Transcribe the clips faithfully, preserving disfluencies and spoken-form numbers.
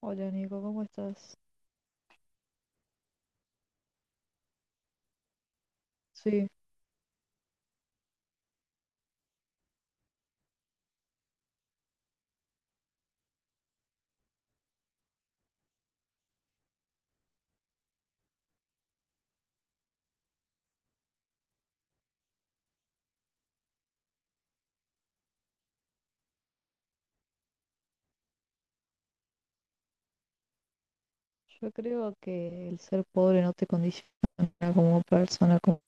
Hola Nico, ¿cómo estás? Sí, yo creo que el ser pobre no te condiciona como persona, como-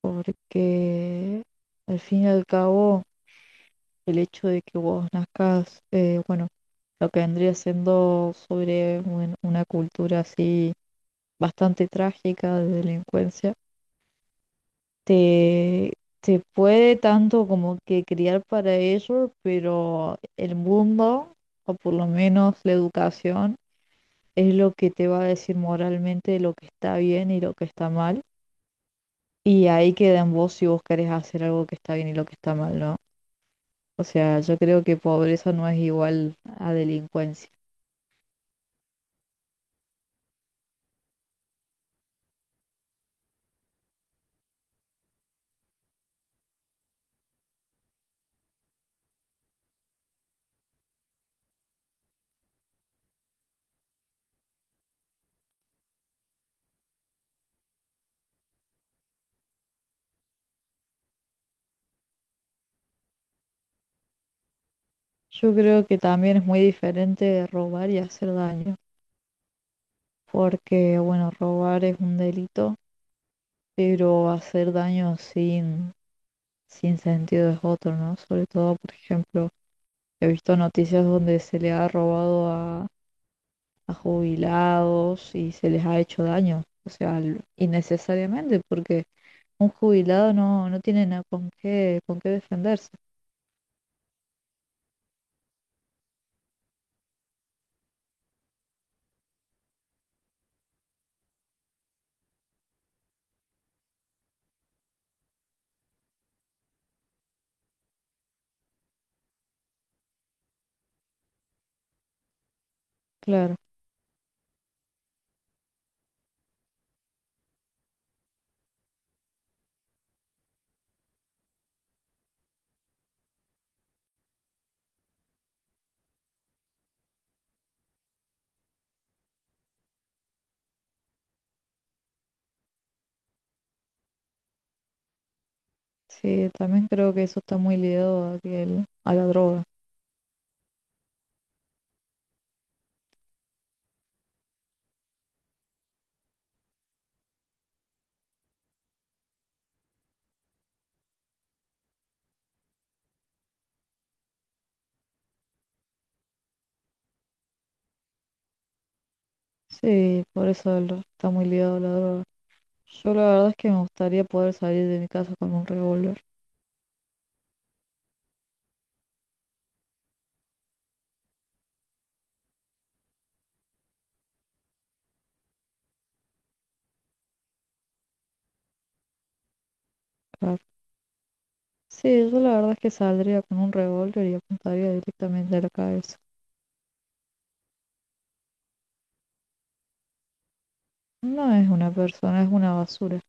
porque al fin y al cabo el hecho de que vos nazcas, eh, bueno, lo que vendría siendo sobre un- una cultura así bastante trágica de delincuencia, te, te puede tanto como que criar para ello, pero el mundo, o por lo menos la educación, es lo que te va a decir moralmente lo que está bien y lo que está mal. Y ahí queda en vos si vos querés hacer algo que está bien y lo que está mal, ¿no? O sea, yo creo que pobreza no es igual a delincuencia. Yo creo que también es muy diferente de robar y hacer daño, porque bueno, robar es un delito, pero hacer daño sin, sin sentido es otro, ¿no? Sobre todo, por ejemplo, he visto noticias donde se le ha robado a a jubilados y se les ha hecho daño, o sea, l- innecesariamente, porque un jubilado no, no tiene nada con qué, con qué defenderse. Claro, sí, también creo que eso está muy ligado a, que el- a la droga. Sí, por eso el- está muy ligado a la droga. Yo la verdad es que me gustaría poder salir de mi casa con un revólver. Claro. Sí, yo la verdad es que saldría con un revólver y apuntaría directamente a la cabeza. No es una persona, es una basura.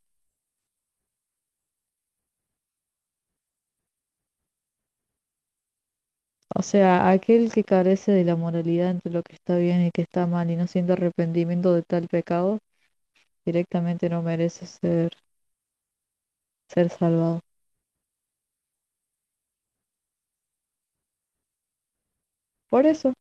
O sea, aquel que carece de la moralidad entre lo que está bien y que está mal y no siente arrepentimiento de tal pecado, directamente no merece ser, ser salvado. Por eso,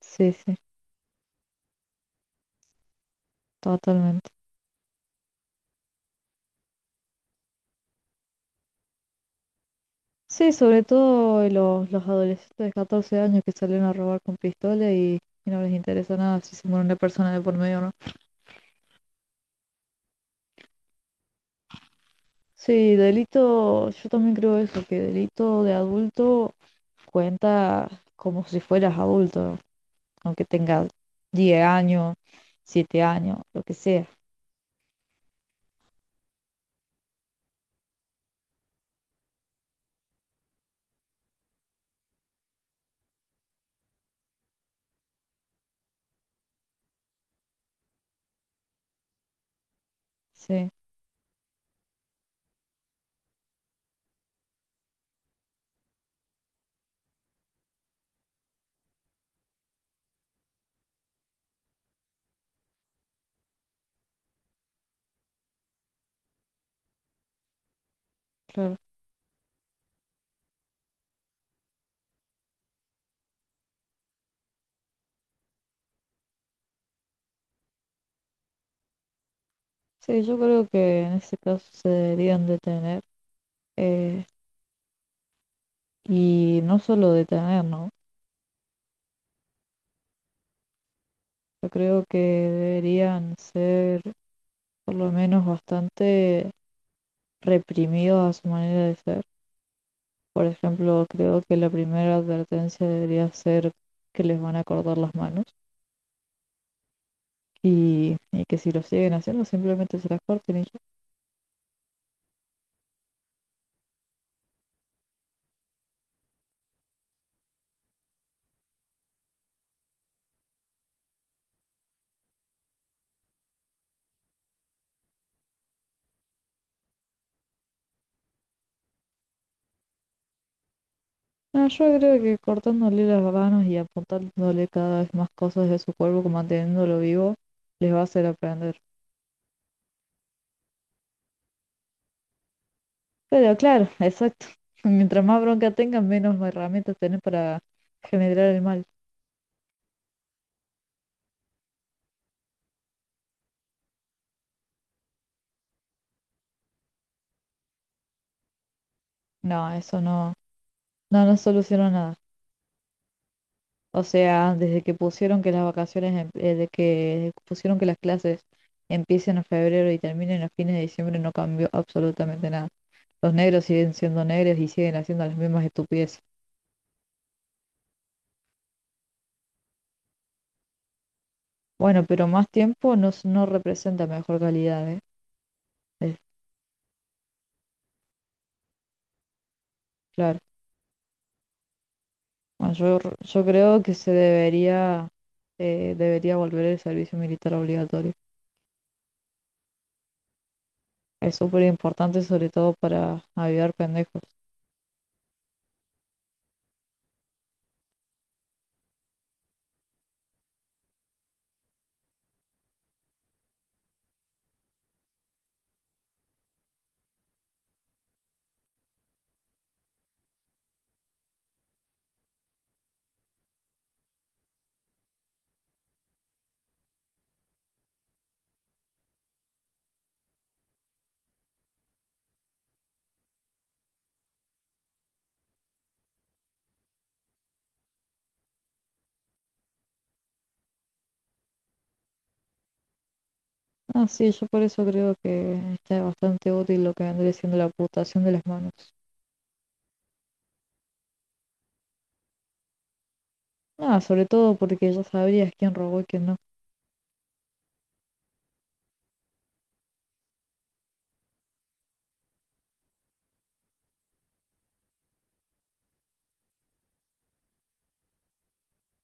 sí, sí, totalmente. Sí, sobre todo los, los adolescentes de catorce años que salen a robar con pistola y, y no les interesa nada si se muere una persona de por medio o no. Sí, delito, yo también creo eso, que delito de adulto cuenta como si fueras adulto. ¿No? Aunque tenga diez años, siete años, lo que sea. Sí, claro. Sí, yo creo que en ese caso se deberían detener eh, y no solo detener, ¿no? Yo creo que deberían ser por lo menos bastante reprimidos a su manera de ser. Por ejemplo, creo que la primera advertencia debería ser que les van a cortar las manos y, y que si lo siguen haciendo simplemente se las corten y ya. No, yo creo que cortándole las manos y apuntándole cada vez más cosas de su cuerpo, como manteniéndolo vivo, les va a hacer aprender. Pero claro, exacto. Mientras más bronca tengan, menos herramientas tienen para generar el mal. No, eso no, no nos solucionó nada. O sea, desde que pusieron que las vacaciones, em- eh, de que pusieron que las clases empiecen en febrero y terminen a fines de diciembre, no cambió absolutamente nada. Los negros siguen siendo negros y siguen haciendo las mismas estupideces. Bueno, pero más tiempo no, s- no representa mejor calidad, ¿eh? Es claro. Bueno, yo, r- yo creo que se debería, eh, debería volver el servicio militar obligatorio. Es súper importante, sobre todo para avivar pendejos. Ah, sí, yo por eso creo que está bastante útil lo que vendría siendo la amputación de las manos. Ah, sobre todo porque ya sabrías quién robó y quién no.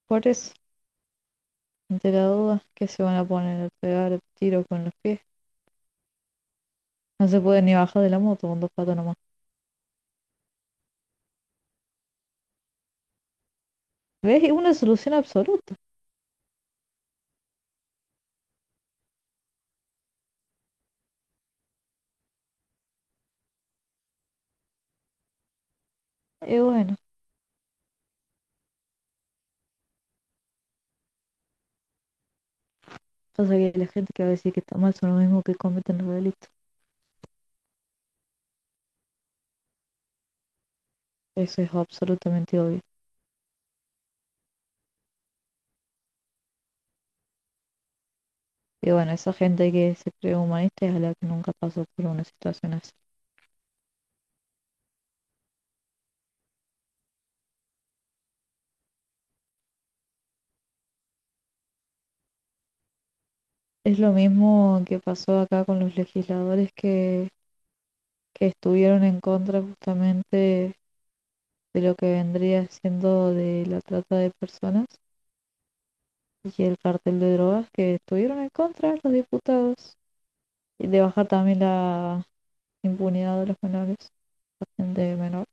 Por eso, ante la duda, ¿qué se van a poner? ¿A pegar tiros con los pies? No se puede ni bajar de la moto con dos patas nomás. ¿Ves? Una solución absoluta. Y bueno, pasa que la gente que va a decir que está mal son los mismos que cometen los delitos. Eso es absolutamente obvio. Y bueno, esa gente que se cree humanista es a la que nunca pasó por una situación así. Es lo mismo que pasó acá con los legisladores que, que estuvieron en contra justamente de lo que vendría siendo de la trata de personas y el cartel de drogas que estuvieron en contra los diputados y de bajar también la impunidad de los menores, de menores.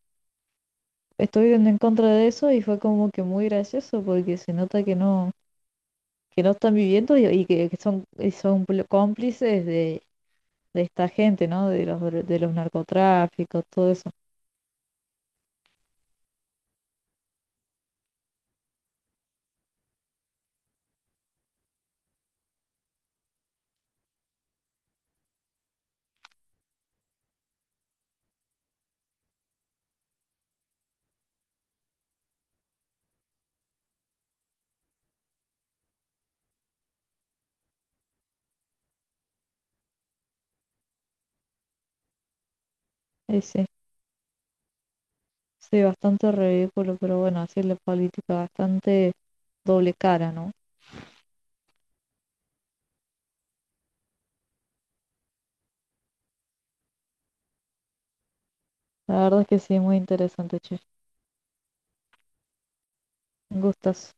Estuvieron en contra de eso y fue como que muy gracioso porque se nota que no, que no están viviendo y, y que, que son, y son pl- cómplices de, de esta gente, ¿no? De los, dro- de los narcotráficos, todo eso. Y sí, sí, bastante ridículo, pero bueno, así es la política, bastante doble cara, ¿no? La verdad es que sí, muy interesante, che. Gustas.